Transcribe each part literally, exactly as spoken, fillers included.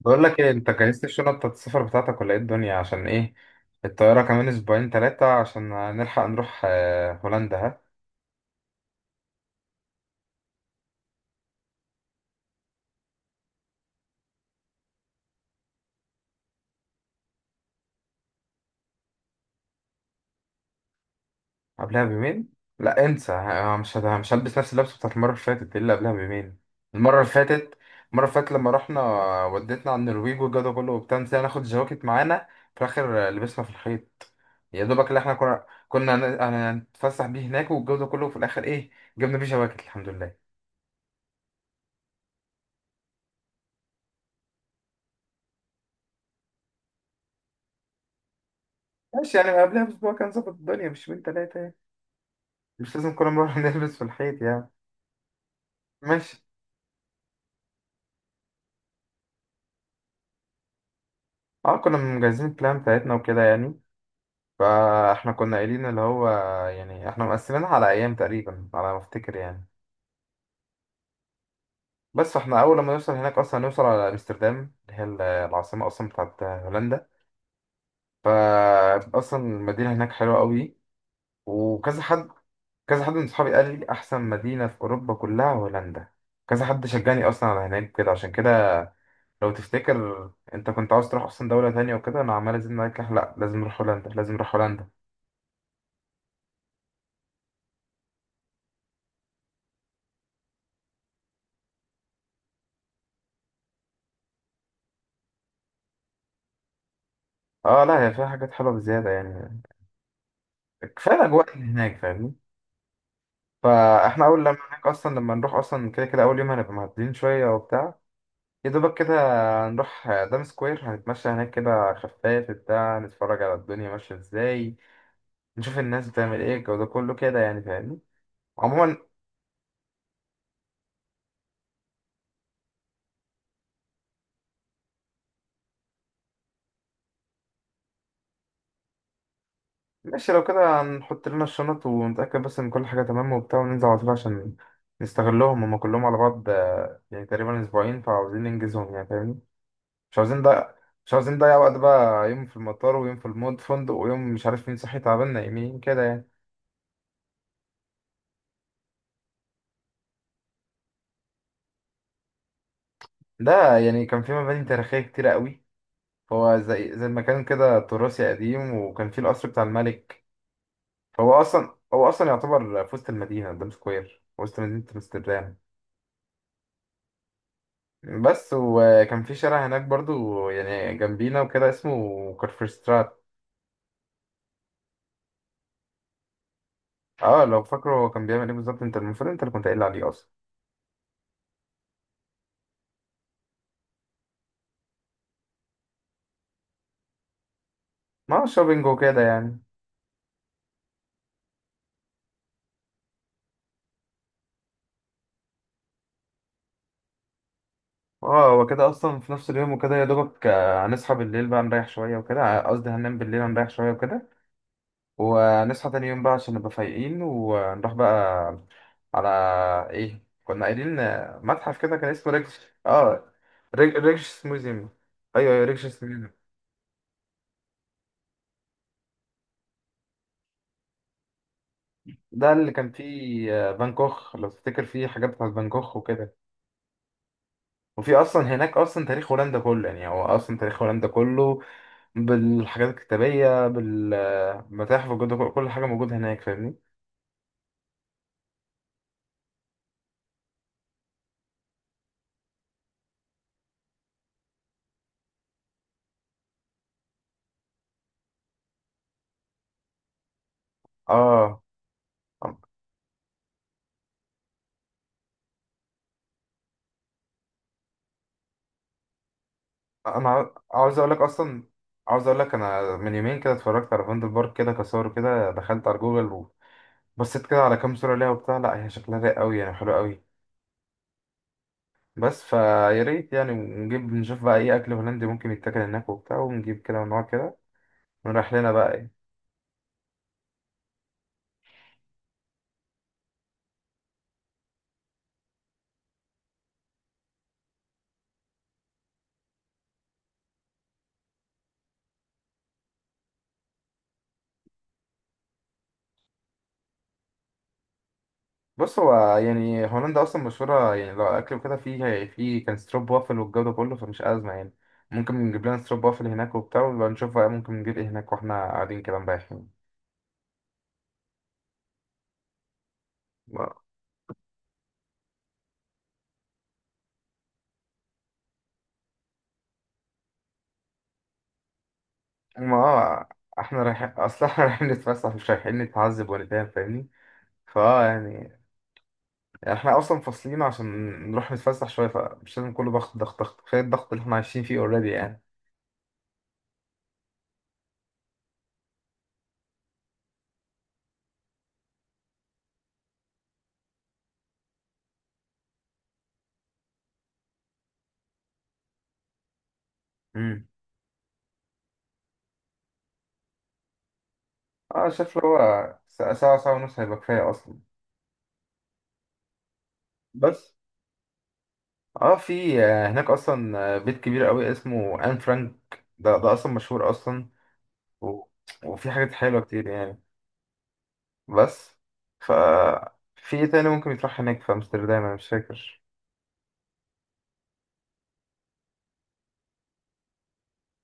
بقول لك ايه؟ انت جهزت الشنط بتاعت السفر بتاعتك ولا ايه الدنيا، عشان ايه الطياره؟ كمان اسبوعين ثلاثه عشان نلحق نروح آه، هولندا. ها قبلها بيومين؟ لا انسى، آه، مش هد- مش هلبس نفس اللبس بتاعت المره اللي فاتت، دي اللي قبلها بيومين. المره اللي فاتت المره اللي فاتت لما رحنا، آه، وديتنا على النرويج والجو ده كله وبتاع، نسينا ناخد جواكت معانا. في الاخر آه، لبسنا في الخيط يا دوبك، اللي احنا كنا كنا هن- هنتفسح بيه هناك. والجو ده كله في الاخر ايه؟ جبنا بيه جواكت، الحمد لله. ماشي، يعني قبلها باسبوع كان ظبط الدنيا، مش يومين ثلاثه. مش لازم كل مرة نلبس في الحيط يعني. ماشي. اه، كنا مجهزين البلان بتاعتنا وكده يعني، فاحنا كنا قايلين اللي هو، يعني احنا مقسمينها على ايام تقريبا، على ما افتكر يعني. بس احنا اول ما نوصل هناك اصلا، هنوصل على امستردام اللي هي ال- العاصمة اصلا بتاعت هولندا. فا اصلا المدينة هناك حلوة قوي، وكذا حد، كذا حد من صحابي قال لي احسن مدينة في اوروبا كلها هولندا. كذا حد شجعني اصلا على هناك كده، عشان كده لو تفتكر انت كنت عاوز تروح اصلا دولة تانية وكده، انا عمال ازيد معاك، لا لازم نروح هولندا، لازم نروح هولندا. اه لا، هي فيها حاجات حلوة بزيادة يعني. كفاية الاجواء اللي هناك فاهمني. فاحنا اول لما هناك اصلا، لما نروح اصلا كده كده اول يوم، هنبقى معدلين شوية وبتاع، يا دوبك كده. هنروح دام سكوير، هنتمشى هناك كده خفاف بتاع، نتفرج على الدنيا ماشية ازاي، نشوف الناس بتعمل ايه، الجو ده كله كده يعني فاهمني. عموما، ماشي لو كده هنحط لنا الشنط ونتأكد بس إن كل حاجة تمام وبتاع، وننزل على طول. عشان نستغلهم هما كلهم على بعض، آه، يعني تقريبا أسبوعين، فعاوزين ننجزهم يعني فاهمني. مش عاوزين ده مش عاوزين نضيع وقت بقى، يوم في المطار ويوم في المود فندق، ويوم مش عارف مين صحي تعبان نايمين كده يعني. ده يعني كان في مباني تاريخية كتيرة قوي. هو زي زي المكان كده تراثي قديم، وكان فيه القصر بتاع الملك. فهو أصلا هو أصلا يعتبر في وسط المدينة، قدام سكوير وسط مدينة أمستردام. بس وكان في شارع هناك برضو يعني جنبينا وكده، اسمه كارفرستراد. اه لو فاكره هو كان بيعمل ايه بالظبط، انت المفروض انت اللي كنت قايل عليه اصلا. ما هو شوبينج وكده يعني. اه هو كده اصلا في نفس اليوم وكده يا دوبك، آه، هنصحى بالليل بقى نريح شويه وكده، آه، قصدي هننام بالليل، هنريح شويه وكده، ونصحى تاني يوم بقى عشان نبقى فايقين، ونروح بقى على، ايه كنا قايلين، آه، متحف كده كان اسمه ريكش. اه، ريكش ميوزيوم. ايوه ايوه ريكش. ده اللي كان فيه آه، فان كوخ، لو تفتكر فيه حاجات بتاعت فان كوخ وكده. وفي اصلا هناك اصلا تاريخ هولندا كله يعني، هو اصلا تاريخ هولندا كله بالحاجات الكتابية بالمتاحف موجودة، كل حاجة موجودة هناك فاهمني. اه انا عاو- عاوز اقول لك اصلا، عاوز اقول لك، انا من يومين كده اتفرجت على فاندر بارك كده كصور، كده دخلت على جوجل وبصيت كده على كام صورة ليها وبتاع، لا هي شكلها رايق قوي يعني، حلو قوي. بس فيا ريت يعني، ونجيب نشوف بقى ايه اكل هولندي ممكن يتاكل هناك وبتاع، ونجيب كده ونقعد كده ونروح لنا بقى، ايه؟ بص، هو يعني هولندا اصلا مشهوره يعني لو اكل وكده، في في كان ستروب وافل والجو ده كله، فمش ازمه يعني. ممكن نجيب لنا ستروب وافل هناك وبتاع، ونبقى نشوف بقى ممكن نجيب ايه هناك واحنا قاعدين كده مريحين. ما ما- اه احنا رايحين اصلا احنا رايحين نتفسح، مش رايحين نتعذب ولا نتهان فاهمني. فاه يعني، احنا اصلا فاصلين عشان نروح نتفسح شويه، فمش لازم كله ضغط ضغط ضغط. كفايه الضغط اللي احنا عايشين فيه اوريدي يعني. امم. اه شايف اللي هو، ساعه ساعه ساعة ونص هيبقى كفايه اصلا. بس اه، في آه، هناك اصلا، آه، بيت كبير قوي اسمه ان فرانك. ده ده اصلا مشهور اصلا، و، وفي حاجات حلوه كتير يعني. بس ف في ايه تاني ممكن يتروح هناك في امستردام، انا مش فاكر.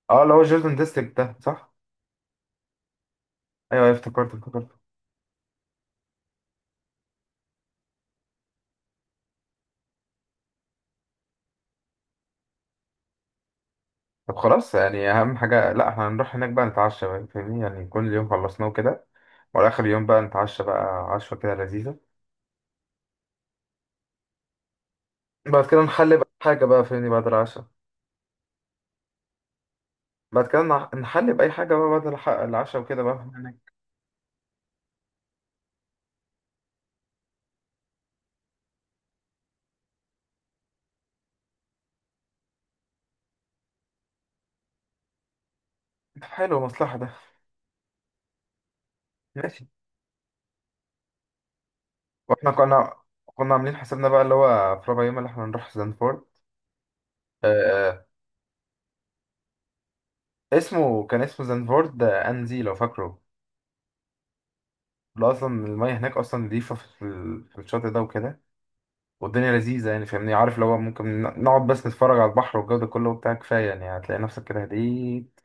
اه اللي هو جوردن ديستريكت ده، صح؟ ايوه أيوة، افتكرت افتكرت. طب خلاص، يعني اهم حاجه لا، احنا هنروح هناك بقى نتعشى بقى فاهمني، يعني كل يوم خلصناه كده، وعلى اخر يوم بقى نتعشى بقى، عشوه كده لذيذه. بعد كده نحلي بقى حاجه بقى فاهمني، بعد العشاء. بعد كده نح- نحلي بأي حاجة بقى، بعد الح- العشاء وكده بقى. حلو مصلحة ده. ماشي. واحنا كنا كنا عاملين حسابنا بقى اللي هو في ربع يوم اللي احنا هنروح زنفورد. آه، آه، اسمه كان اسمه زنفورد أنزي لو فاكره. اللي اصلا المية هناك اصلا نضيفة، في, ال- في الشاطئ ده وكده، والدنيا لذيذة يعني فاهمني. عارف اللي هو ممكن ن- نقعد بس نتفرج على البحر والجو ده كله وبتاع، كفاية يعني هتلاقي نفسك كده هديت.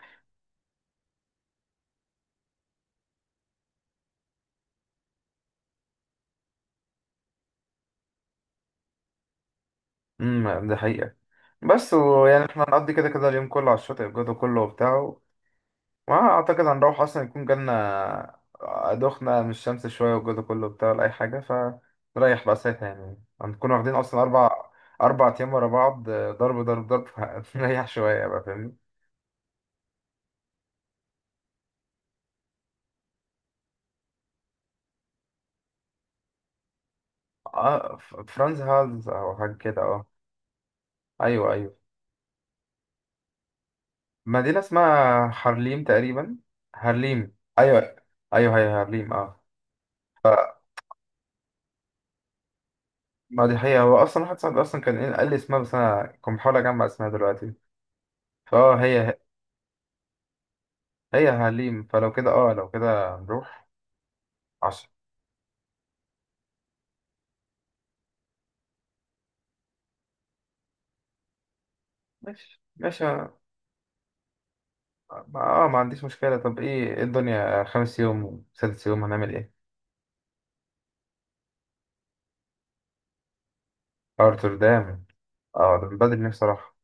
امم، ده حقيقة. بس ويعني احنا هنقضي كده كده اليوم كله على الشاطئ، الجو ده كله وبتاع. ما اعتقد هنروح اصلا يكون جالنا دخنة من الشمس شوية والجو ده كله بتاع ولا اي حاجة. فنريح بقى ساعتها، يعني هنكون واخدين اصلا اربع اربع ايام ورا بعض، آه، ضرب ضرب ضرب فنريح شوية بقى فاهمني. اه، ف- فرانز هالز او حاجة كده. اه ايوه ايوه. مدينة اسمها هارليم تقريبا. هارليم، ايوه ايوه، هي هارليم، اه. ما دي حقيقة، هو اصلا واحد صاحبي اصلا كان إيه قال لي اسمها، بس انا كنت بحاول اجمع اسمها دلوقتي، فاه هي، هي يا حليم. فلو كده اه، لو كده نروح. عشرة. ماشي ماشي اه، ما آه، ما عنديش مشكلة. طب ايه، إيه الدنيا خامس يوم وسادس يوم هنعمل ايه؟ ارتردام، اه ده من بدري نفسي صراحة.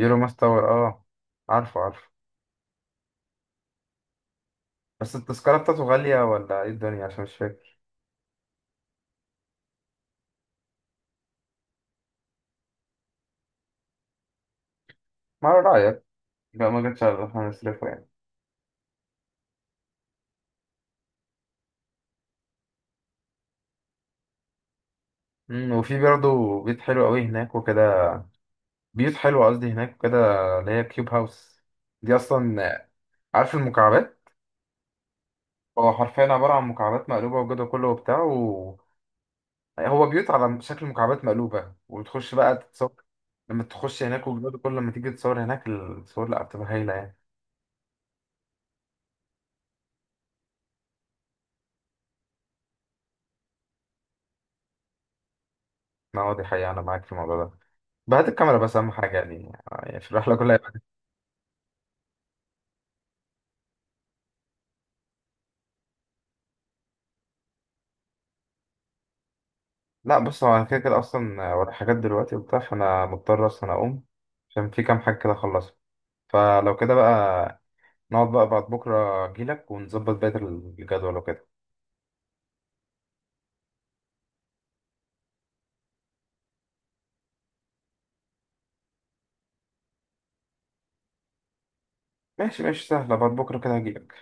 يورو ماس تاور، اه عارفه عارفه. بس التذكرة بتاعته غالية ولا ايه الدنيا، عشان مش فاكر. ما على رأيك، لا ما جاتش على احنا نصرفه يعني. أمم، وفي برضه بيت حلو قوي هناك وكده، بيوت حلوة قصدي هناك وكده، اللي هي كيوب هاوس. دي اصلا، عارف المكعبات، هو حرفيا عبارة عن مكعبات مقلوبة والجدول كله وبتاع، و، هو بيوت على شكل مكعبات مقلوبة، وتخش بقى تتصور. لما تخش هناك والجدول كله، لما تيجي تتصور هناك الصور، لا بتبقى هايلة يعني. ما هو دي حقيقة، أنا معاك في الموضوع ده. بهات الكاميرا بس، أهم حاجة يعني، يعني في الرحلة كلها. لا بص، هو أنا كده كده أصلا ورايا حاجات دلوقتي وبتاع، فأنا مضطر أصلا أقوم، عشان في كام حاجة كده أخلصها. فلو كده بقى، نقعد بقى بعد بكرة أجيلك ونظبط بقية الجدول وكده. ماشي ماشي، سهلة، بعد بكرة كده هجيلك.